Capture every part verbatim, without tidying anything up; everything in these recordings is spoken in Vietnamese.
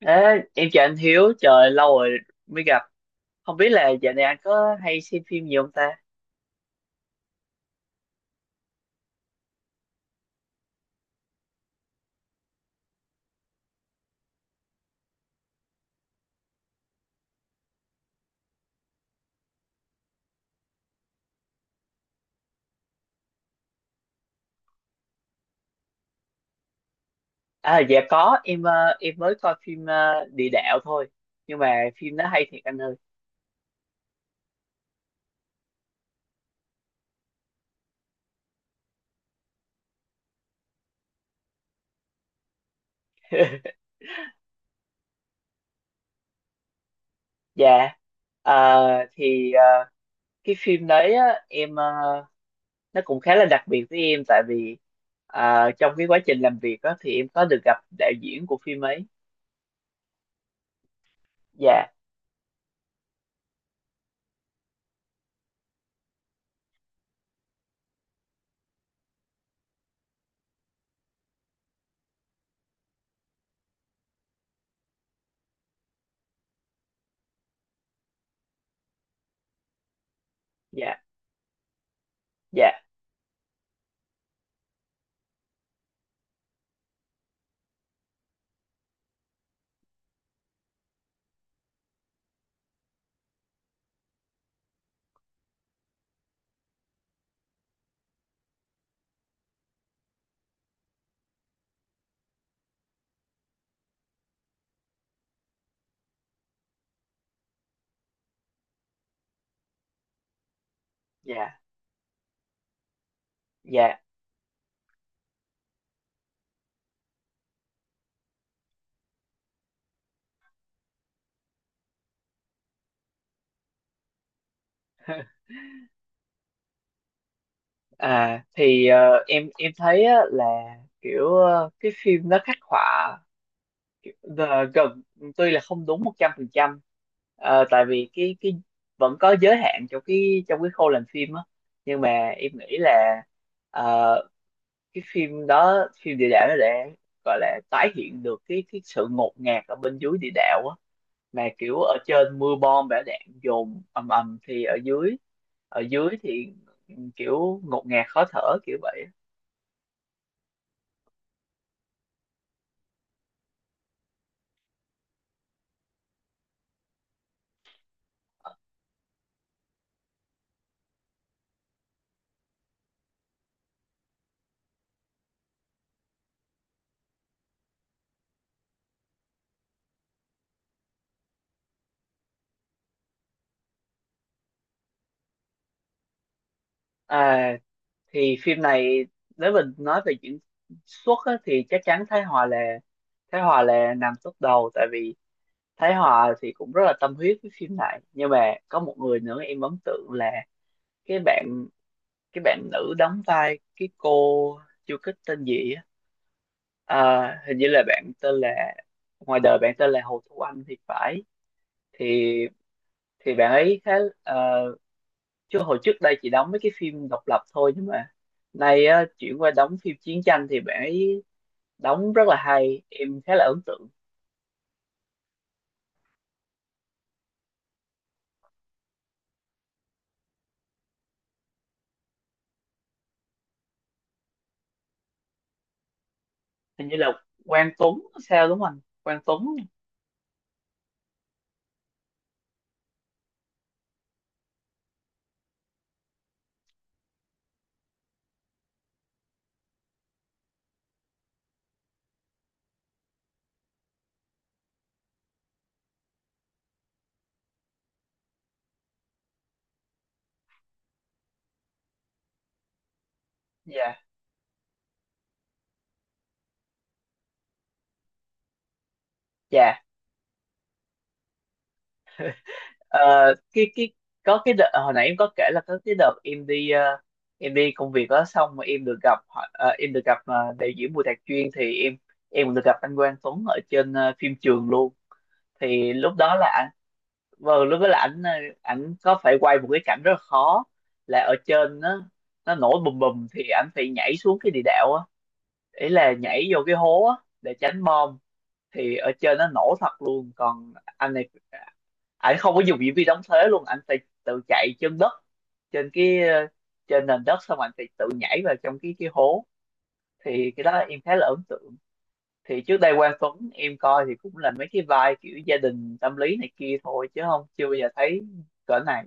Ê, em chào anh Hiếu, trời lâu rồi mới gặp. Không biết là dạo này anh có hay xem phim gì không ta? À, dạ có, em ờ, em mới coi phim ờ, Địa Đạo thôi. Nhưng mà phim nó hay thiệt anh ơi. Dạ. Ờ, thì ờ, cái phim đấy á, em ờ, nó cũng khá là đặc biệt với em, tại vì ờ, trong cái quá trình làm việc á, thì em có được gặp đạo diễn của phim ấy. Dạ, dạ, dạ, dạ, dạ. À thì ờ, em em thấy á, là kiểu, ờ, cái phim nó khắc họa, ờ, gần, tuy là không đúng một trăm phần trăm, ờ, tại vì cái cái vẫn có giới hạn trong cái trong cái khâu làm phim á, nhưng mà em nghĩ là, ờ, cái phim đó, phim địa đạo, nó để gọi là tái hiện được cái cái sự ngột ngạt ở bên dưới địa đạo á, mà kiểu ở trên mưa bom bão đạn dồn ầm ầm, thì ở dưới, ở dưới thì kiểu ngột ngạt khó thở, kiểu vậy. À, thì phim này, nếu mình nói về diễn xuất á, thì chắc chắn Thái Hòa là Thái Hòa là nằm top đầu, tại vì Thái Hòa thì cũng rất là tâm huyết với phim này, nhưng mà có một người nữa em ấn tượng là cái bạn cái bạn nữ đóng vai cái cô chưa kích tên gì á, à, hình như là bạn tên là ngoài đời bạn tên là Hồ Thu Anh thì phải. Thì thì bạn ấy khá, ờ, chứ hồi trước đây chị đóng mấy cái phim độc lập thôi, nhưng mà nay á, chuyển qua đóng phim chiến tranh thì bạn ấy đóng rất là hay, em khá là ấn tượng. Hình như là Quang Tuấn, sao đúng không anh? Quang Tuấn. Dạ, dạ. Ờ, cái cái Có cái đợt hồi nãy em có kể là có cái đợt em đi ờ, em đi công việc đó, xong mà em được gặp họ- ờ, em được gặp ờ, đạo diễn Bùi Đạt Chuyên, thì em em được gặp anh Quang Tuấn ở trên, ờ, phim trường luôn. Thì lúc đó là, vâng, lúc đó là ảnh ờ, ảnh có phải quay một cái cảnh rất là khó, là ở trên nó nó nổ bùm bùm, thì ảnh phải nhảy xuống cái địa đạo á, ý là nhảy vô cái hố á, để tránh bom. Thì ở trên nó nổ thật luôn, còn anh này, ảnh không có dùng diễn viên đóng thế luôn, ảnh phải tự chạy trên đất, trên cái ờ, trên nền đất, xong ảnh phải tự nhảy vào trong cái cái hố. Thì cái đó em khá là ấn tượng, thì trước đây Quang Tuấn em coi thì cũng là mấy cái vai kiểu gia đình tâm lý này kia thôi, chứ không, chưa bao giờ thấy cỡ này.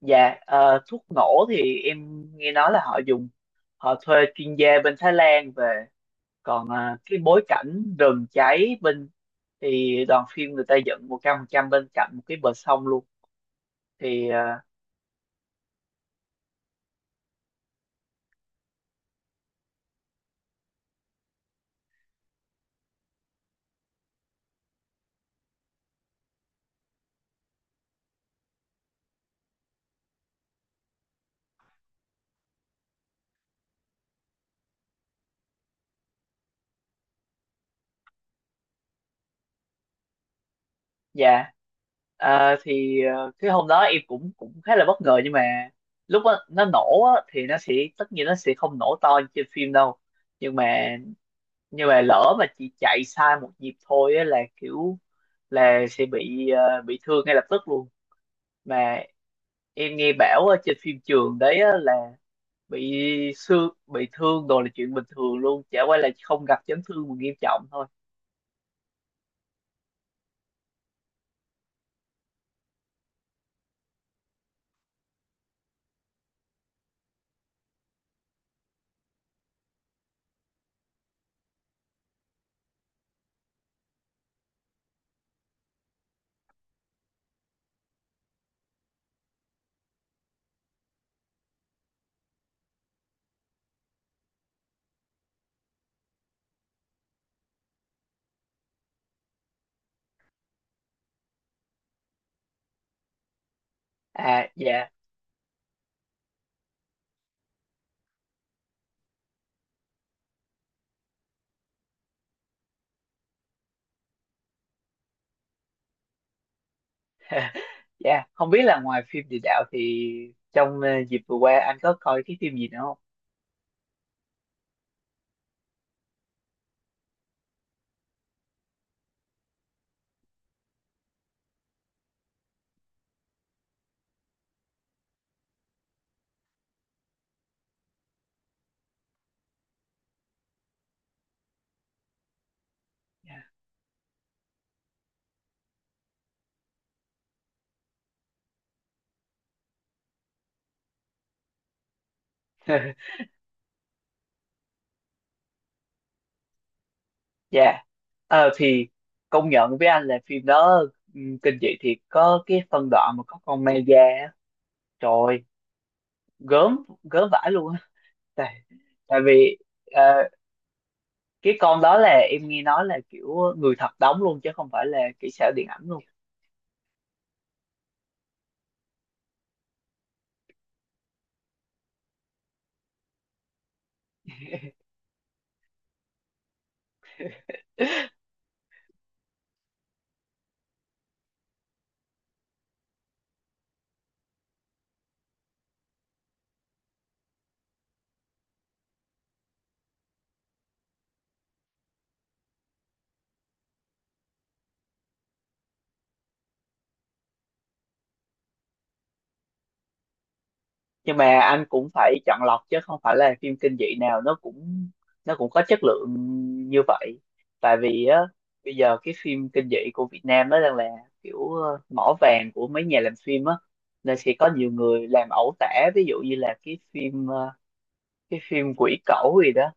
Dạ, ờ, thuốc nổ thì em nghe nói là họ dùng họ thuê chuyên gia bên Thái Lan về, còn ờ, cái bối cảnh rừng cháy bên, thì đoàn phim người ta dựng một trăm phần trăm bên cạnh một cái bờ sông luôn. thì ờ, Dạ. Ờ, thì ờ, cái hôm đó em cũng cũng khá là bất ngờ, nhưng mà lúc đó, nó nổ á, thì nó sẽ, tất nhiên nó sẽ không nổ to như trên phim đâu, nhưng mà nhưng mà lỡ mà chị chạy sai một nhịp thôi á, là kiểu là sẽ bị, ờ, bị thương ngay lập tức luôn, mà em nghe bảo ở trên phim trường đấy á, là bị xương bị thương đồ là chuyện bình thường luôn, chả qua là không gặp chấn thương mà nghiêm trọng thôi. À, dạ. Dạ, không biết là ngoài phim địa đạo thì trong, ờ, dịp vừa qua anh có coi cái phim gì nữa không? Dạ. Dạ. Ờ thì công nhận với anh là phim đó, ừm, kinh dị thì có cái phân đoạn mà có con ma da á. Trời ơi, gớm, gớm vãi luôn á. Tại, tại vì, ờ, cái con đó là em nghe nói là kiểu người thật đóng luôn chứ không phải là kỹ xảo điện ảnh luôn. Nhưng mà anh cũng phải chọn lọc, chứ không phải là phim kinh dị nào nó cũng nó cũng có chất lượng như vậy. Tại vì á, bây giờ cái phim kinh dị của Việt Nam nó đang là kiểu, ờ, mỏ vàng của mấy nhà làm phim á, nên sẽ có nhiều người làm ẩu tả, ví dụ như là cái phim ờ, cái phim Quỷ Cẩu gì đó,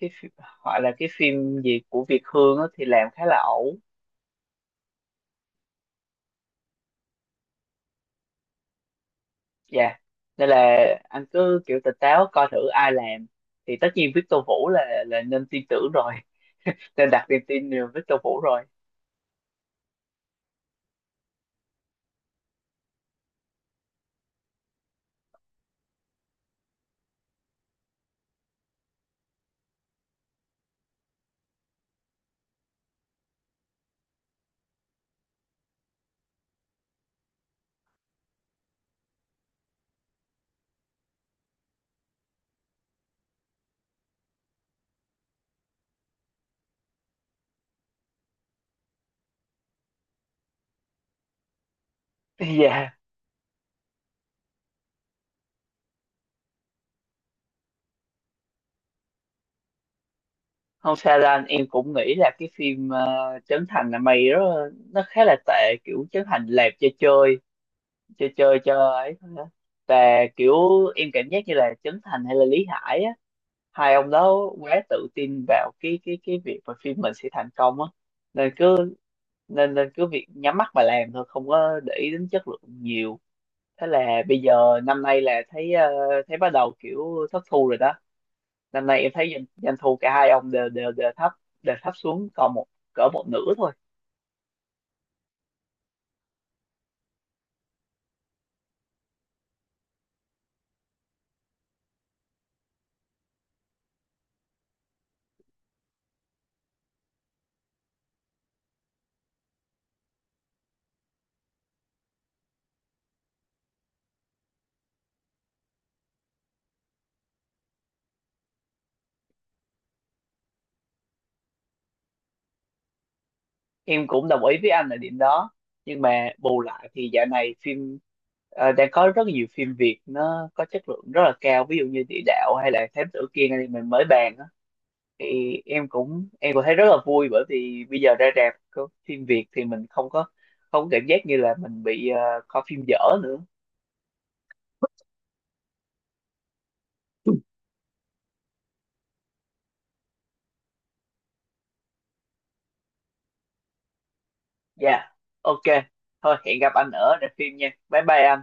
cái phim, hoặc là cái phim gì của Việt Hương á thì làm khá là ẩu. Dạ, nên là anh cứ kiểu tỉnh táo coi thử ai làm, thì tất nhiên Victor Vũ là là nên tin tưởng rồi, nên đặt niềm tin nhiều với Victor Vũ rồi. Dạ, không sao đâu anh, em cũng nghĩ là cái phim ờ, Trấn Thành là mày đó, nó khá là tệ, kiểu Trấn Thành làm cho chơi, chơi chơi cho ấy thôi á, và kiểu em cảm giác như là Trấn Thành hay là Lý Hải á, hai ông đó quá tự tin vào cái cái cái việc mà phim mình sẽ thành công á, nên cứ, nên nên cứ việc nhắm mắt mà làm thôi, không có để ý đến chất lượng nhiều. Thế là bây giờ năm nay là thấy, ờ, thấy bắt đầu kiểu thất thu rồi đó. Năm nay em thấy doanh, doanh thu cả hai ông đều đều đều thấp, đều thấp xuống còn một cỡ một nửa thôi. Em cũng đồng ý với anh ở điểm đó, nhưng mà bù lại thì dạo này phim, ờ, đang có rất nhiều phim Việt nó có chất lượng rất là cao, ví dụ như Địa Đạo hay là Thám Tử Kiên anh em mình mới bàn á, thì em cũng, em cũng thấy rất là vui, bởi vì bây giờ ra rạp có phim Việt thì mình không có, không có cảm giác như là mình bị, ờ, coi phim dở nữa. Dạ, ok, thôi hẹn gặp anh ở rạp phim nha, bye bye anh.